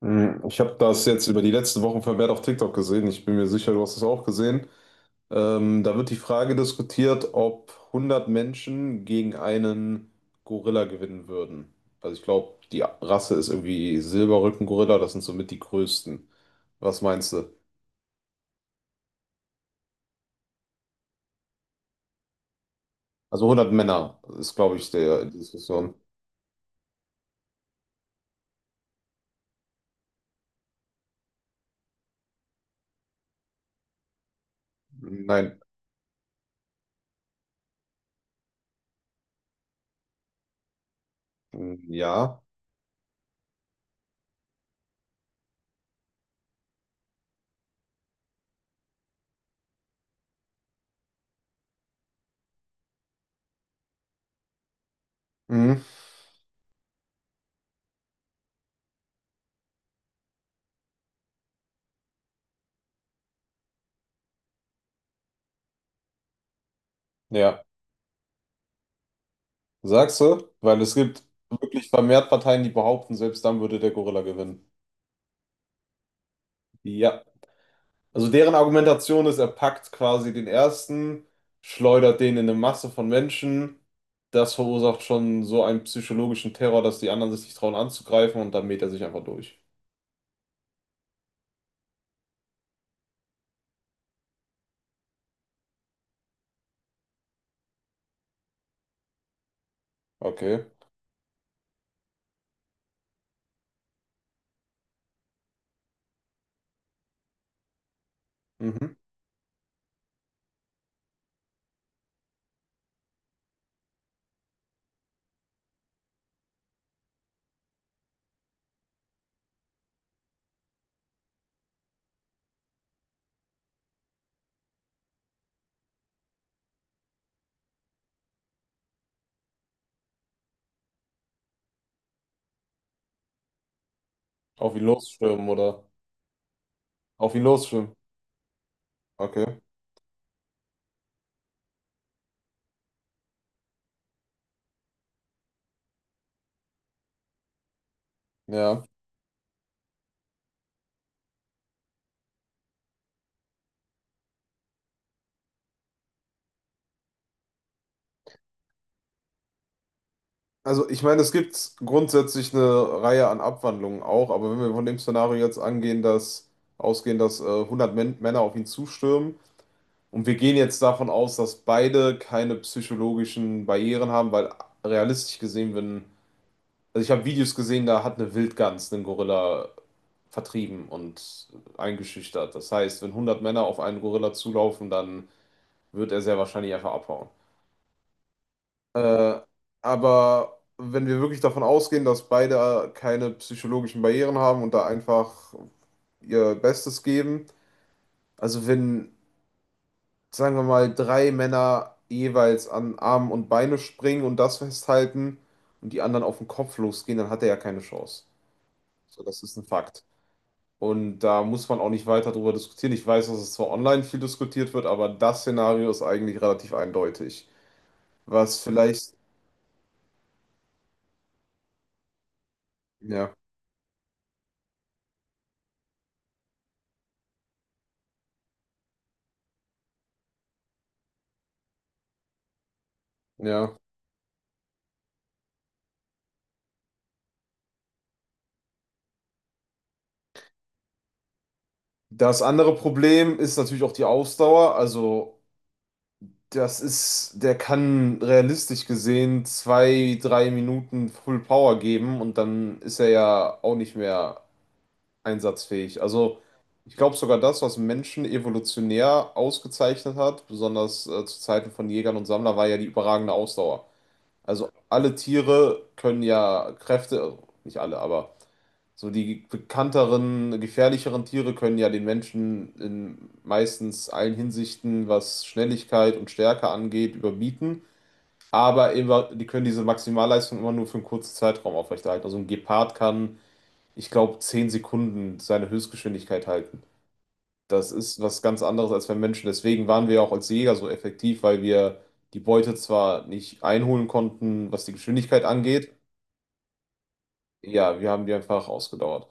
Ich habe das jetzt über die letzten Wochen vermehrt auf TikTok gesehen. Ich bin mir sicher, du hast es auch gesehen. Da wird die Frage diskutiert, ob 100 Menschen gegen einen Gorilla gewinnen würden. Also ich glaube, die Rasse ist irgendwie Silberrücken-Gorilla. Das sind somit die größten. Was meinst du? Also 100 Männer ist, glaube ich, der die Diskussion. Nein. Hm, ja. Mhm. Ja, sagst du? Weil es gibt wirklich vermehrt Parteien, die behaupten, selbst dann würde der Gorilla gewinnen. Ja. Also deren Argumentation ist, er packt quasi den ersten, schleudert den in eine Masse von Menschen. Das verursacht schon so einen psychologischen Terror, dass die anderen sich nicht trauen anzugreifen, und dann mäht er sich einfach durch. Okay. Mhm. Auf ihn losstürmen oder auf ihn losstürmen. Okay. Ja. Also ich meine, es gibt grundsätzlich eine Reihe an Abwandlungen auch, aber wenn wir von dem Szenario jetzt angehen, dass ausgehen, dass 100 Männer auf ihn zustürmen. Und wir gehen jetzt davon aus, dass beide keine psychologischen Barrieren haben, weil realistisch gesehen, wenn, also ich habe Videos gesehen, da hat eine Wildgans einen Gorilla vertrieben und eingeschüchtert. Das heißt, wenn 100 Männer auf einen Gorilla zulaufen, dann wird er sehr wahrscheinlich einfach abhauen. Äh, aber wenn wir wirklich davon ausgehen, dass beide keine psychologischen Barrieren haben und da einfach ihr Bestes geben, also wenn sagen wir mal, drei Männer jeweils an Arme und Beine springen und das festhalten und die anderen auf den Kopf losgehen, dann hat er ja keine Chance. So, das ist ein Fakt. Und da muss man auch nicht weiter drüber diskutieren. Ich weiß, dass es zwar online viel diskutiert wird, aber das Szenario ist eigentlich relativ eindeutig. Was vielleicht, ja, ja. Das andere Problem ist natürlich auch die Ausdauer. Also das ist, der kann realistisch gesehen 2, 3 Minuten Full Power geben und dann ist er ja auch nicht mehr einsatzfähig. Also ich glaube sogar das, was Menschen evolutionär ausgezeichnet hat, besonders zu Zeiten von Jägern und Sammlern, war ja die überragende Ausdauer. Also alle Tiere können ja Kräfte, also nicht alle, aber so die bekannteren, gefährlicheren Tiere können ja den Menschen in meistens allen Hinsichten, was Schnelligkeit und Stärke angeht, überbieten. Aber immer, die können diese Maximalleistung immer nur für einen kurzen Zeitraum aufrechterhalten. Also ein Gepard kann, ich glaube, 10 Sekunden seine Höchstgeschwindigkeit halten. Das ist was ganz anderes als beim Menschen. Deswegen waren wir auch als Jäger so effektiv, weil wir die Beute zwar nicht einholen konnten, was die Geschwindigkeit angeht. Ja, wir haben die einfach ausgedauert.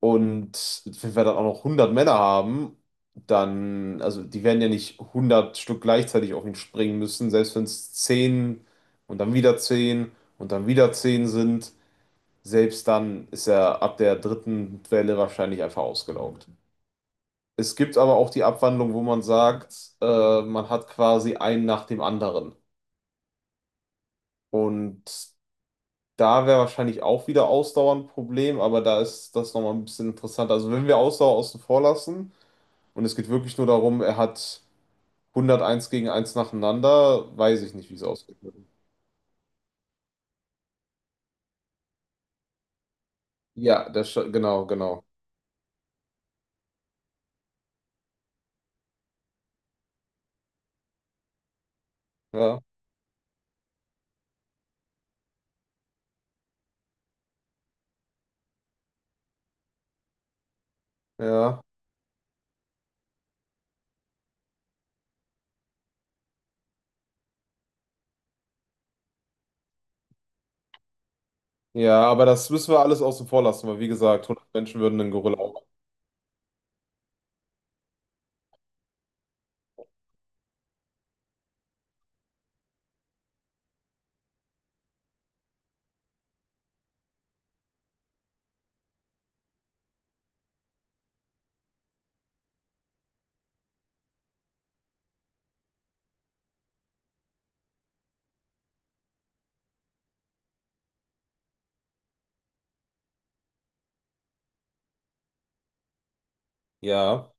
Und wenn wir dann auch noch 100 Männer haben, dann, also die werden ja nicht 100 Stück gleichzeitig auf ihn springen müssen, selbst wenn es 10 und dann wieder 10 und dann wieder 10 sind, selbst dann ist er ab der dritten Welle wahrscheinlich einfach ausgelaugt. Es gibt aber auch die Abwandlung, wo man sagt, man hat quasi einen nach dem anderen. Und da wäre wahrscheinlich auch wieder Ausdauer ein Problem, aber da ist das nochmal ein bisschen interessanter. Also wenn wir Ausdauer außen vor lassen und es geht wirklich nur darum, er hat 101 gegen eins nacheinander. Weiß ich nicht, wie es ausgeht. Ja, der Sch genau, genau. Ja, ja. Ja, aber das müssen wir alles außen vor lassen, weil wie gesagt, 100 Menschen würden einen Gorilla auch. Ja,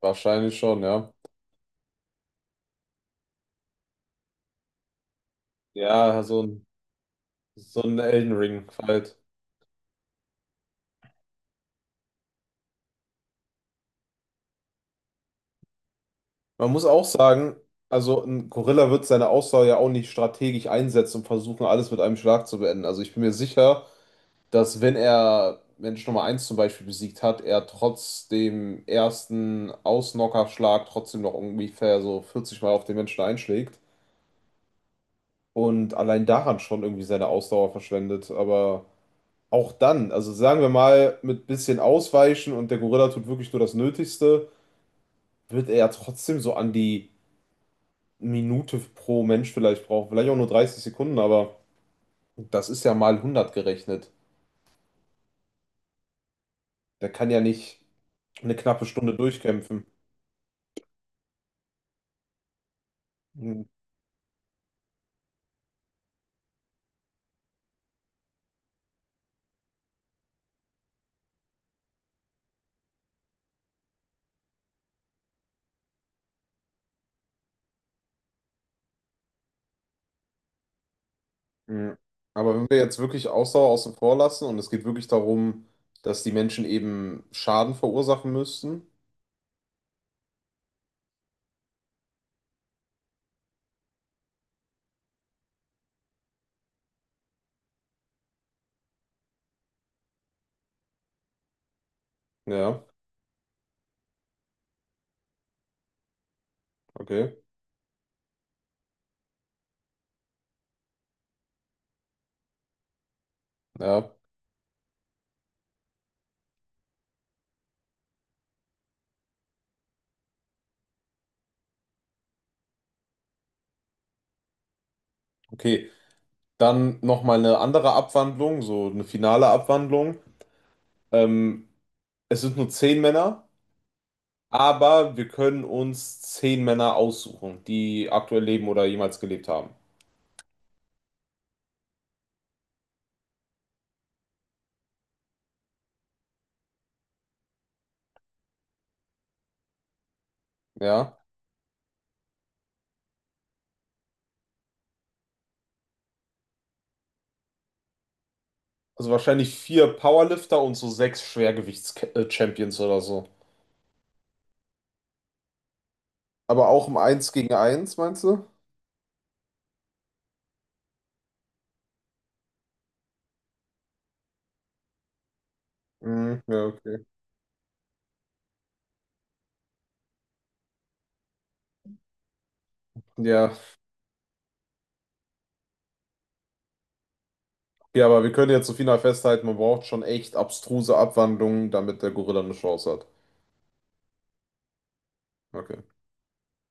wahrscheinlich schon, ja. Ja, so ein Elden Ring halt. Man muss auch sagen, also ein Gorilla wird seine Ausdauer ja auch nicht strategisch einsetzen und versuchen, alles mit einem Schlag zu beenden. Also ich bin mir sicher, dass wenn er Mensch Nummer eins zum Beispiel besiegt hat, er trotz dem ersten Ausknockerschlag trotzdem noch ungefähr so 40 Mal auf den Menschen einschlägt und allein daran schon irgendwie seine Ausdauer verschwendet. Aber auch dann, also sagen wir mal, mit bisschen Ausweichen und der Gorilla tut wirklich nur das Nötigste, wird er ja trotzdem so an die Minute pro Mensch vielleicht brauchen. Vielleicht auch nur 30 Sekunden, aber das ist ja mal 100 gerechnet. Der kann ja nicht eine knappe Stunde durchkämpfen. Ja. Aber wenn wir jetzt wirklich Ausdauer außen vor lassen und es geht wirklich darum, dass die Menschen eben Schaden verursachen müssten, ja, okay, ja, okay, dann nochmal eine andere Abwandlung, so eine finale Abwandlung. Ähm, Es sind nur 10 Männer, aber wir können uns 10 Männer aussuchen, die aktuell leben oder jemals gelebt haben. Ja, also wahrscheinlich vier Powerlifter und so sechs Schwergewichts-Champions oder so. Aber auch im Eins gegen Eins, meinst du? Mhm, ja, okay. Ja, ja, aber wir können jetzt so final festhalten, man braucht schon echt abstruse Abwandlungen, damit der Gorilla eine Chance hat. Okay.